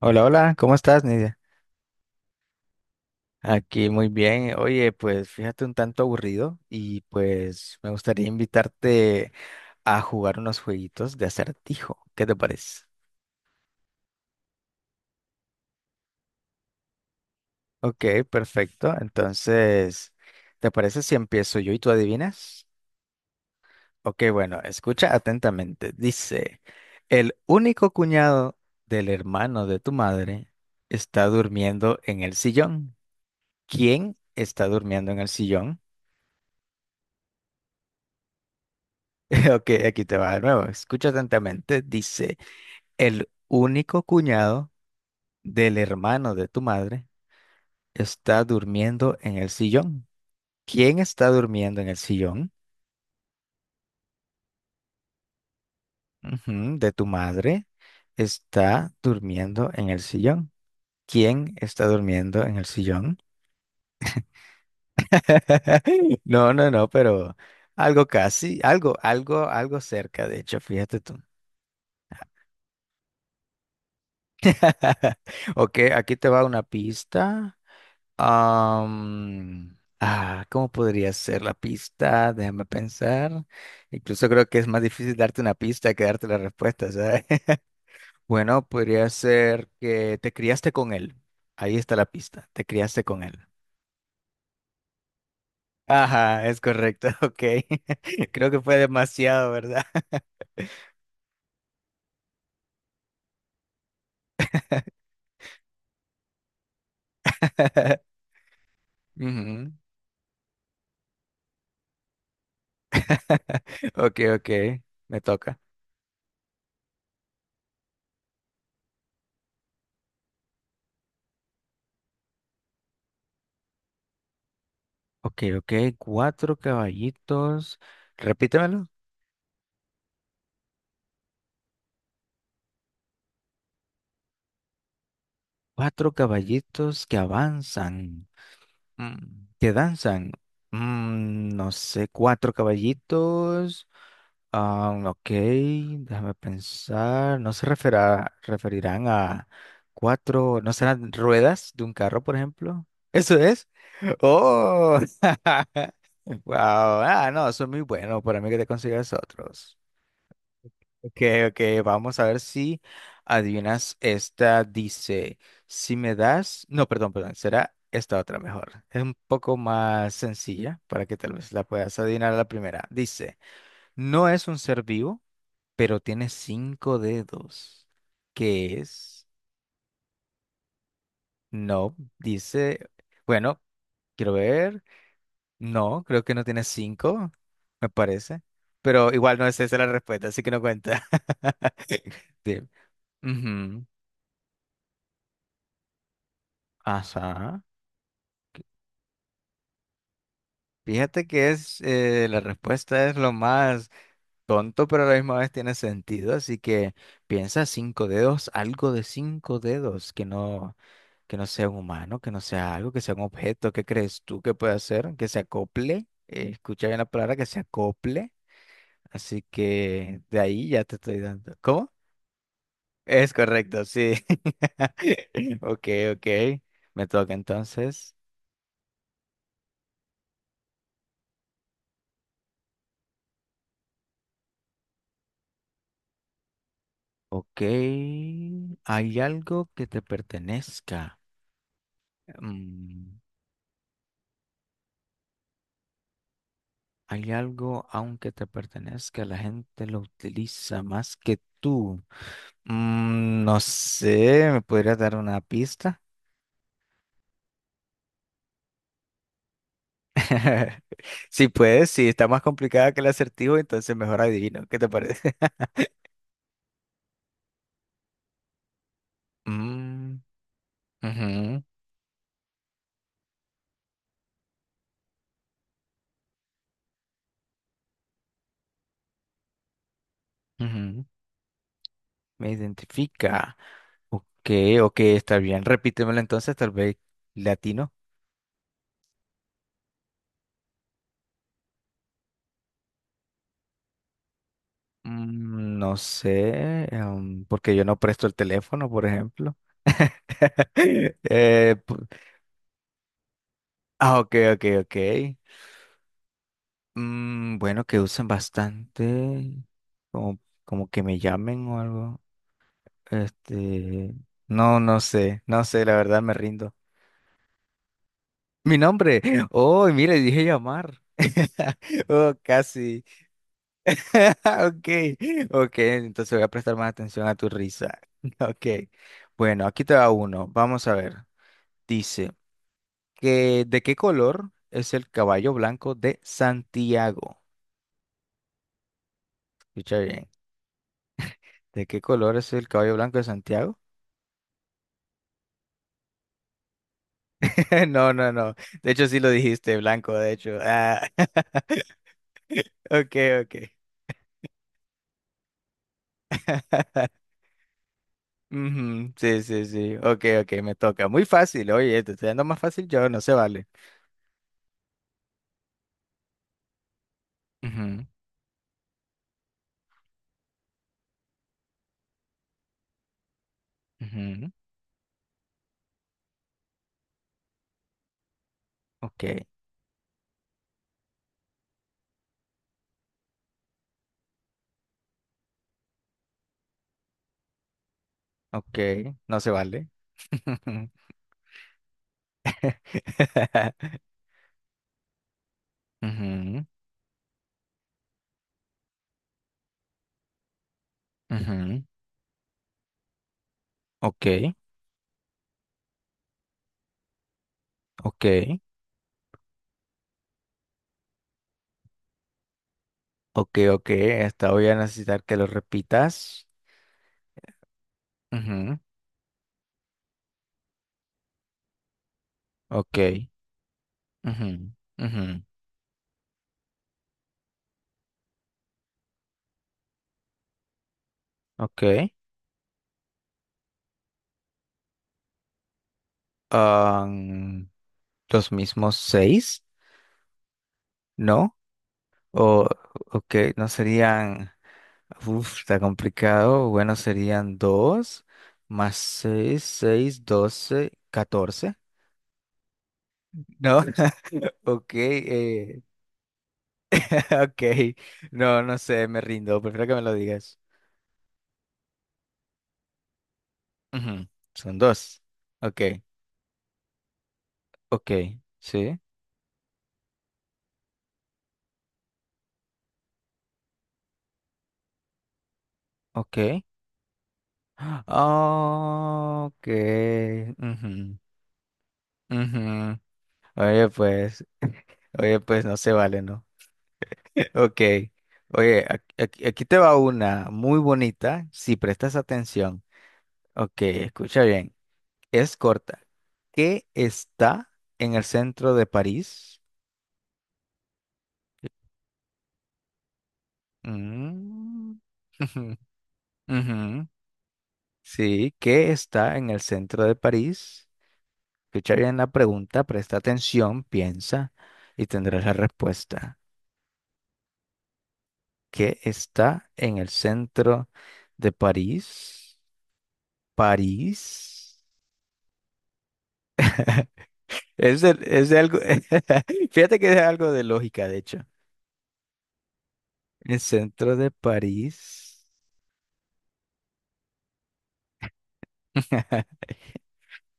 Hola, hola, ¿cómo estás, Nidia? Aquí muy bien. Oye, pues fíjate un tanto aburrido y pues me gustaría invitarte a jugar unos jueguitos de acertijo. ¿Qué te parece? Ok, perfecto. Entonces, ¿te parece si empiezo yo y tú adivinas? Ok, bueno, escucha atentamente. Dice, el único cuñado del hermano de tu madre está durmiendo en el sillón. ¿Quién está durmiendo en el sillón? Ok, aquí te va de nuevo. Escucha atentamente. Dice, el único cuñado del hermano de tu madre está durmiendo en el sillón. ¿Quién está durmiendo en el sillón? Ujú, de tu madre está durmiendo en el sillón. ¿Quién está durmiendo en el sillón? No, no, no, pero algo casi, algo, algo, algo cerca, de hecho, fíjate tú. Ok, aquí te va una pista. ¿Cómo podría ser la pista? Déjame pensar. Incluso creo que es más difícil darte una pista que darte la respuesta, ¿sabes? Bueno, podría ser que te criaste con él. Ahí está la pista. Te criaste con él. Ajá, es correcto. Ok. Creo que fue demasiado, ¿verdad? Ujú. Ok, ok. Me toca. Ok, ok. Cuatro caballitos. Repítemelo. Cuatro caballitos que avanzan. Mm, ¿qué danzan? Mm, no sé, cuatro caballitos. Ah, ok, déjame pensar. No se referirán a cuatro, ¿no serán ruedas de un carro, por ejemplo? ¿Eso es? ¡Oh! ¡Wow! Ah, no, eso es muy bueno para mí que te consigas otros. Ok, ok, vamos a ver si adivinas esta. Dice, si me das, no, perdón, perdón, será esta otra mejor. Es un poco más sencilla para que tal vez la puedas adivinar a la primera. Dice, no es un ser vivo, pero tiene cinco dedos. ¿Qué es? No, dice, bueno, quiero ver. No, creo que no tiene cinco, me parece. Pero igual no es esa la respuesta, así que no cuenta. Sí. Ujú. Ajá. Fíjate que es la respuesta es lo más tonto, pero a la misma vez tiene sentido. Así que piensa cinco dedos, algo de cinco dedos, que no sea un humano, que no sea algo, que sea un objeto. ¿Qué crees tú que puede hacer? Que se acople. Escucha bien la palabra, que se acople. Así que de ahí ya te estoy dando. ¿Cómo? Es correcto, sí. Ok, ok. Me toca entonces. Ok, hay algo que te pertenezca. Mm, hay algo, aunque te pertenezca, la gente lo utiliza más que tú. Mm, no sé, ¿me podrías dar una pista? Si puedes, si está más complicada que el acertijo, entonces mejor adivino. ¿Qué te parece? Mm, ujú, ujú, me identifica. Ok, ok, está bien. Repítemelo entonces, tal vez latino. Mm, no sé, porque yo no presto el teléfono, por ejemplo. Eh, pu- ah, ok, ok, ok. Mm, bueno, que usen bastante, como, como que me llamen o algo. Este, no, no sé, no sé, la verdad me rindo. Mi nombre. Oh, mire, dije llamar. Oh, casi. Ok, ok, entonces voy a prestar más atención a tu risa. Ok, bueno, aquí te va uno. Vamos a ver. Dice que ¿de qué color es el caballo blanco de Santiago? Escucha bien. ¿De qué color es el caballo blanco de Santiago? No, no, no. De hecho, sí lo dijiste, blanco, de hecho. Ah. Ok, ok. Ujú, sí, sí, sí. Ok, ok, me toca. Muy fácil, oye, te estoy dando más fácil yo, no se vale. Ujú, ujú, ok, ok, no se vale. Ujú, ujú, ok, ok. Ok, ok, esta voy a necesitar que lo repitas. Ujú, ok, ujú, ujú, ok. Am, los mismos seis, ¿no? O, ok, no serían, uf, está complicado. Bueno, serían dos más seis, seis, doce, catorce, ¿no? Ok, ok, no, no sé, me rindo, prefiero que me lo digas. Ujú, son dos, ok, ok, sí, ok. Ah, ok. Ujú, ujú. Oye, pues, oye, pues no se vale, ¿no? Ok. Oye, aquí te va una muy bonita, si prestas atención. Ok, escucha bien. Es corta. ¿Qué está en el centro de París? Mm, ujú, ujú. Sí, ¿qué está en el centro de París? Escucha bien la pregunta, presta atención, piensa y tendrás la respuesta. Que está en el centro de París. París. Es de algo, fíjate que es algo de lógica, de hecho. El centro de París.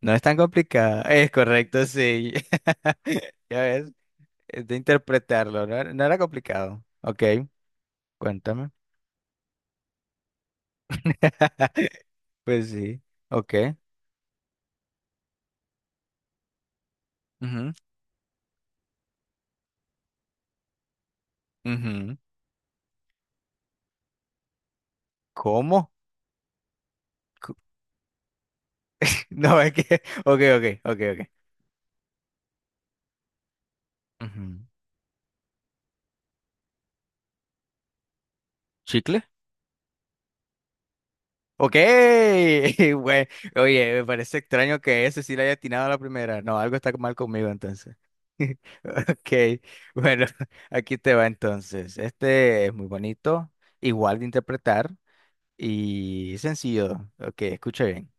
No es tan complicado. Es correcto, sí. Ya ves, es de interpretarlo. No, era no era complicado. Ok, cuéntame. Pues sí, ok. Ujú, ujú. ¿Cómo? Cu- No, es que. Ok, ok, ok, ok. Ujú. ¿Chicle? Ok, güey. Oye, me parece extraño que ese sí le haya atinado a la primera. No, algo está mal conmigo entonces. Ok, bueno, aquí te va entonces. Este es muy bonito, igual de interpretar y sencillo. Ok, escucha bien.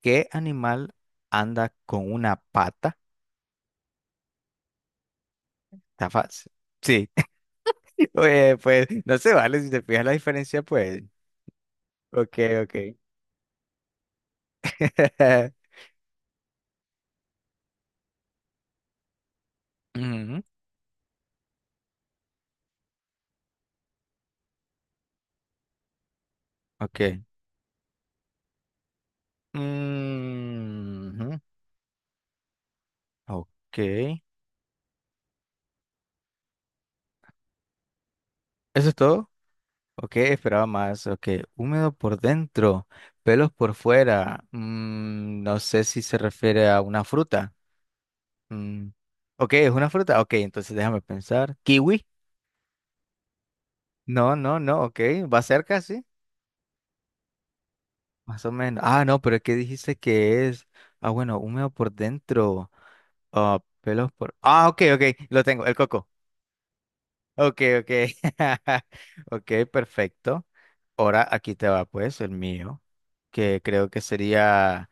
¿Qué animal anda con una pata? Está fácil. Sí, oye, pues no se vale si te fijas la diferencia, pues. Ok, ok. Ujú, ok. Mm, ok, eso es todo. Ok, esperaba más. Ok, húmedo por dentro, pelos por fuera. Mm, no sé si se refiere a una fruta. Mm, ok, es una fruta. Ok, entonces déjame pensar. ¿Kiwi? No, no, no. Ok, va cerca, sí. Más o menos. Ah, no, pero ¿qué dijiste que es? Ah, bueno, húmedo por dentro. Ah, pelos por. Ah, ok, ok, lo tengo, el coco. Ok, ok. Ok, perfecto. Ahora aquí te va pues el mío, que creo que sería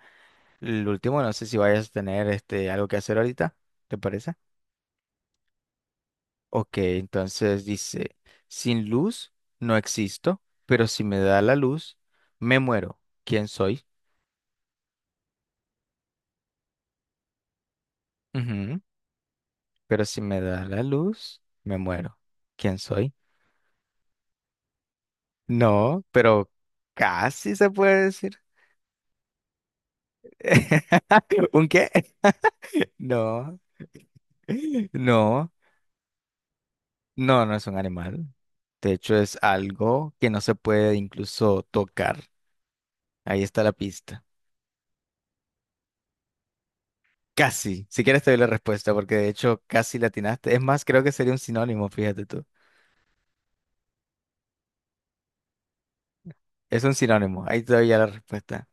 el último. No sé si vayas a tener este algo que hacer ahorita, ¿te parece? Ok, entonces dice, sin luz no existo, pero si me da la luz, me muero. ¿Quién soy? Ujú, pero si me da la luz, me muero. ¿Quién soy? No, pero casi se puede decir. ¿Un qué? No. No, no, no es un animal. De hecho, es algo que no se puede incluso tocar. Ahí está la pista. Casi. Si quieres te doy la respuesta, porque de hecho casi la atinaste. Es más, creo que sería un sinónimo, fíjate tú. Es un sinónimo. Ahí te doy ya la respuesta.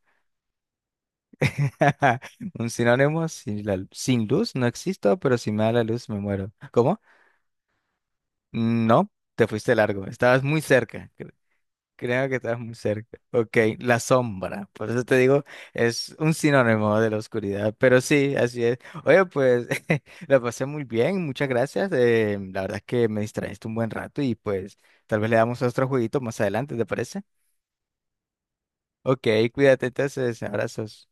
Un sinónimo, sin luz no existo, pero si me da la luz me muero. ¿Cómo? No, te fuiste largo. Estabas muy cerca. Creo que estás muy cerca. Ok, la sombra. Por eso te digo, es un sinónimo de la oscuridad. Pero sí, así es. Oye, pues la pasé muy bien. Muchas gracias. La verdad es que me distrajiste un buen rato y pues tal vez le damos otro jueguito más adelante, ¿te parece? Ok, cuídate entonces. Abrazos.